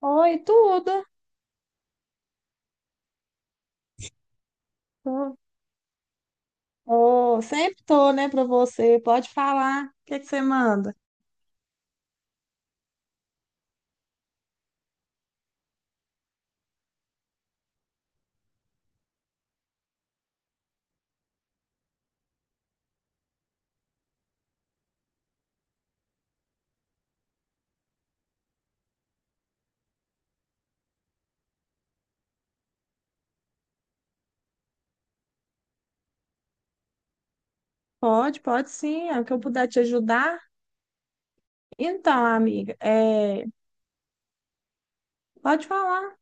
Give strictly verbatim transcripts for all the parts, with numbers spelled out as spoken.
Oi, tudo. Tô- Ô, sempre tô, né, pra você. Pode falar. O que que você manda? Pode, pode sim. É o que eu puder te ajudar. Então, amiga, é... pode falar.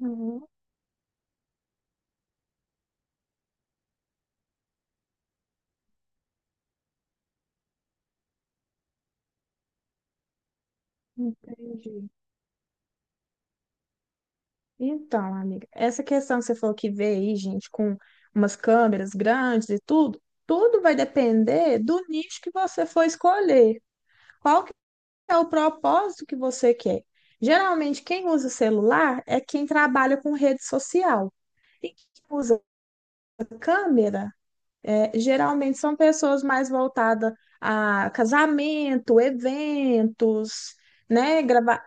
Uhum, entendi. Então, amiga, essa questão que você falou que vê aí, gente, com umas câmeras grandes e tudo, tudo vai depender do nicho que você for escolher. Qual que é o propósito que você quer? Geralmente, quem usa celular é quem trabalha com rede social. E quem usa câmera, é, geralmente são pessoas mais voltadas a casamento, eventos, né? Gravar,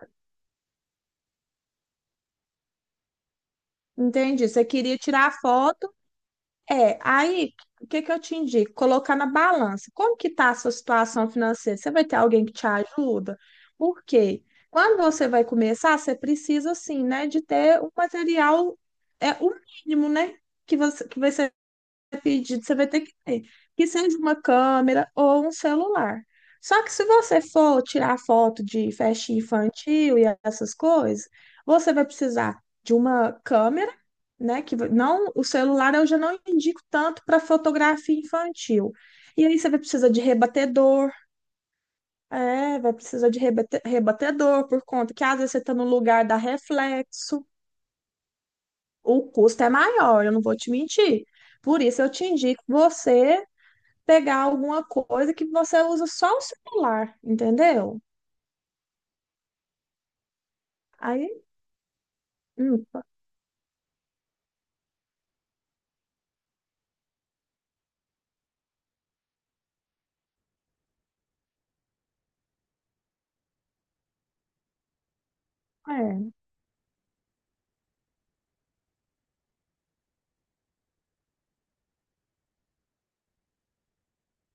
entendi. Você queria tirar foto, é. Aí, o que que eu te indico? Colocar na balança. Como que tá a sua situação financeira? Você vai ter alguém que te ajuda? Por quê? Quando você vai começar, você precisa, assim, né, de ter um material, é o mínimo, né? Que você, que vai ser pedido, você vai ter que ter, que seja uma câmera ou um celular. Só que se você for tirar foto de festa infantil e essas coisas, você vai precisar de uma câmera, né? Que va- não, o celular eu já não indico tanto para fotografia infantil. E aí você vai precisar de rebatedor, é, vai precisar de rebate- rebatedor por conta que às vezes você está no lugar da reflexo. O custo é maior, eu não vou te mentir. Por isso eu te indico você pegar alguma coisa que você usa só o celular, entendeu? Aí, hum, é,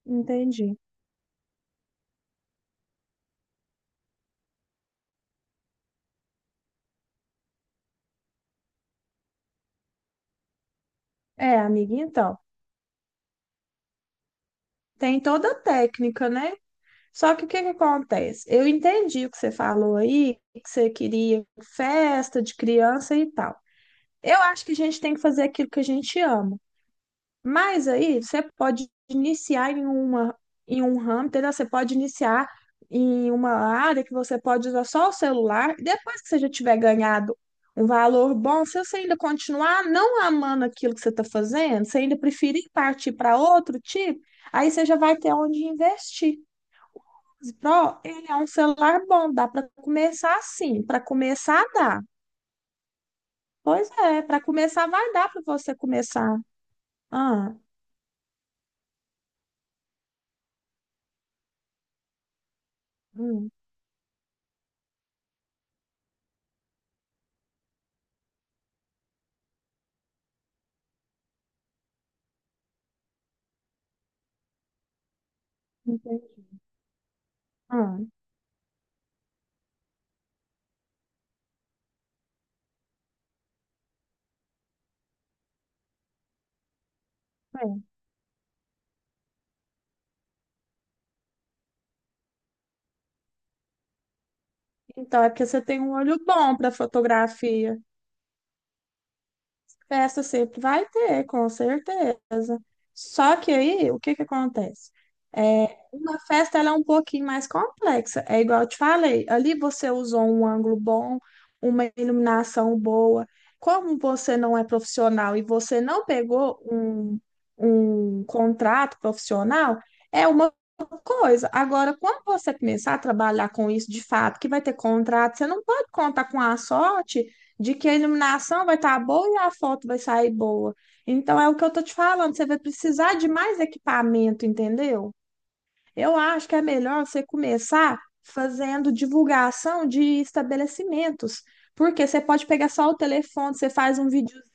entendi. É, amiga, então, tem toda a técnica, né? Só que o que que acontece? Eu entendi o que você falou aí, que você queria festa de criança e tal. Eu acho que a gente tem que fazer aquilo que a gente ama. Mas aí você pode iniciar em uma em um ramo, entendeu? Você pode iniciar em uma área que você pode usar só o celular. Depois que você já tiver ganhado um valor bom, se você ainda continuar não amando aquilo que você está fazendo, você ainda preferir partir para outro tipo, aí você já vai ter onde investir. Pro, ele é um celular bom, dá para começar assim, para começar dá. Pois é, para começar vai dar para você começar. Ah, hum, entendi. Ah, é. Então, é porque você tem um olho bom para fotografia. Festa sempre vai ter, com certeza. Só que aí, o que que acontece? É, uma festa ela é um pouquinho mais complexa. É igual eu te falei, ali você usou um ângulo bom, uma iluminação boa. Como você não é profissional e você não pegou um, um contrato profissional, é uma coisa. Agora, quando você começar a trabalhar com isso de fato, que vai ter contrato, você não pode contar com a sorte de que a iluminação vai estar boa e a foto vai sair boa. Então é o que eu tô te falando, você vai precisar de mais equipamento, entendeu? Eu acho que é melhor você começar fazendo divulgação de estabelecimentos, porque você pode pegar só o telefone, você faz um videozinho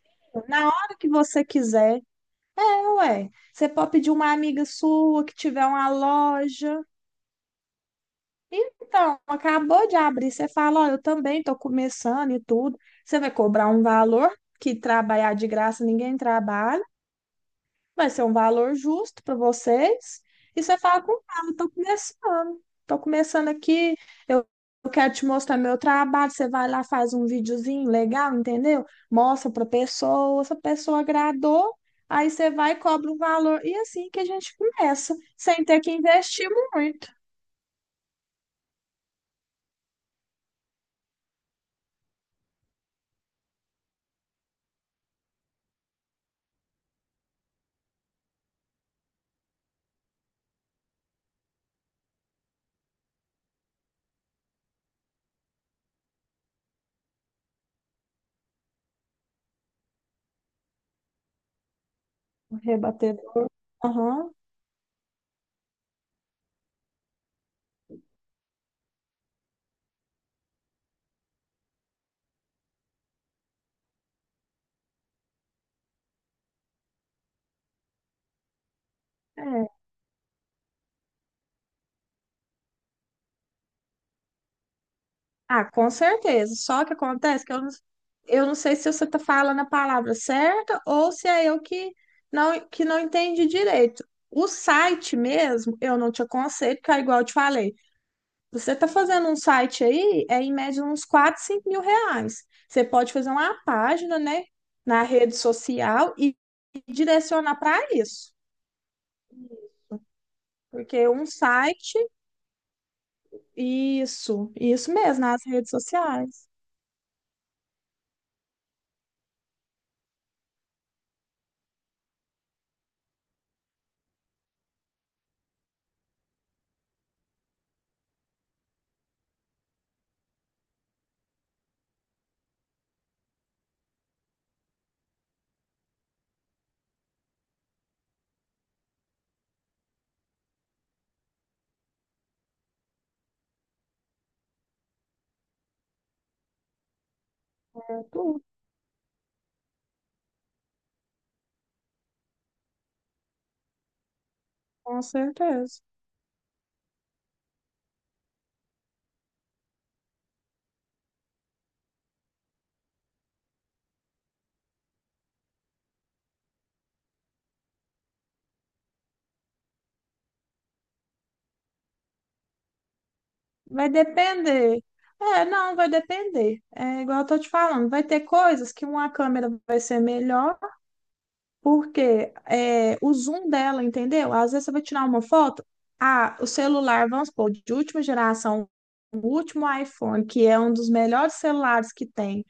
na hora que você quiser. É, ué, você pode pedir uma amiga sua que tiver uma loja. Então, acabou de abrir, você fala, ó, eu também estou começando e tudo. Você vai cobrar um valor que trabalhar de graça ninguém trabalha, vai ser um valor justo para vocês. E você fala com calma, estou começando, estou começando aqui, eu eu quero te mostrar meu trabalho. Você vai lá, faz um videozinho legal, entendeu? Mostra para pessoa, se a pessoa agradou, aí você vai e cobra um valor. E assim que a gente começa, sem ter que investir muito. O rebatedor. Aham. É. Ah, com certeza. Só que acontece que eu não, eu não sei se você está falando a palavra certa ou se é eu que não, que não entendi direito. O site mesmo, eu não te aconselho, porque é igual eu te falei, você está fazendo um site aí, é em média uns quatro, cinco mil reais. Você pode fazer uma página, né, na rede social e direcionar para isso. Porque um site, isso, isso mesmo, nas redes sociais. É tudo, com certeza. Vai depender. É, não, vai depender. É igual eu tô te falando, vai ter coisas que uma câmera vai ser melhor, porque é, o zoom dela, entendeu? Às vezes você vai tirar uma foto, ah, o celular, vamos supor, de última geração, o último iPhone, que é um dos melhores celulares que tem,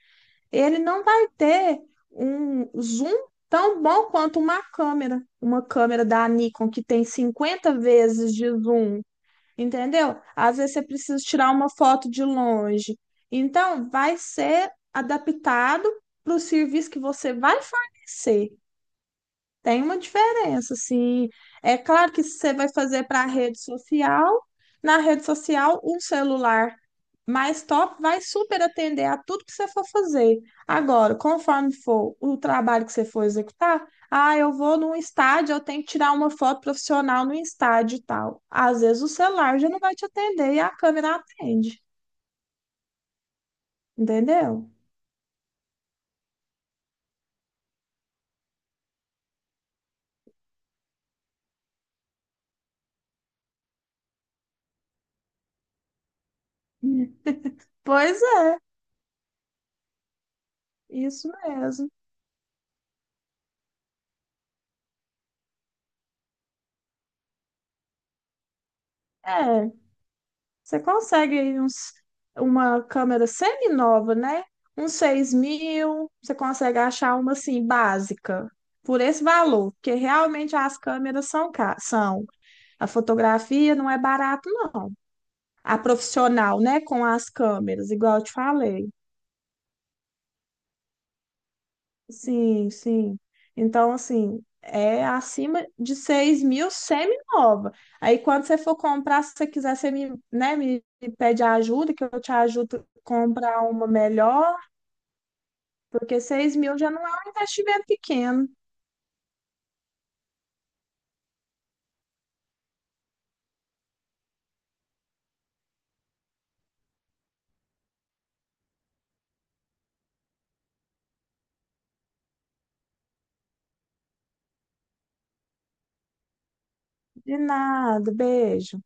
ele não vai ter um zoom tão bom quanto uma câmera, uma câmera da Nikon que tem cinquenta vezes de zoom, entendeu? Às vezes você precisa tirar uma foto de longe. Então, vai ser adaptado para o serviço que você vai fornecer. Tem uma diferença, assim. É claro que se você vai fazer para a rede social, na rede social, um celular mais top vai super atender a tudo que você for fazer. Agora, conforme for o trabalho que você for executar, ah, eu vou num estádio, eu tenho que tirar uma foto profissional no estádio e tal. Às vezes o celular já não vai te atender e a câmera atende, entendeu? Hum. Pois é, isso mesmo. É. Você consegue aí uns, uma câmera semi-nova, né? Uns seis mil, você consegue achar uma assim, básica, por esse valor, porque realmente as câmeras são, ca- são. A fotografia não é barato, não. A profissional, né, com as câmeras, igual eu te falei. Sim, sim. Então, assim, é acima de seis mil semi-nova. Aí, quando você for comprar, se você quiser, você me, né, me me pede ajuda, que eu te ajudo a comprar uma melhor, porque seis mil já não é um investimento pequeno. De nada, beijo.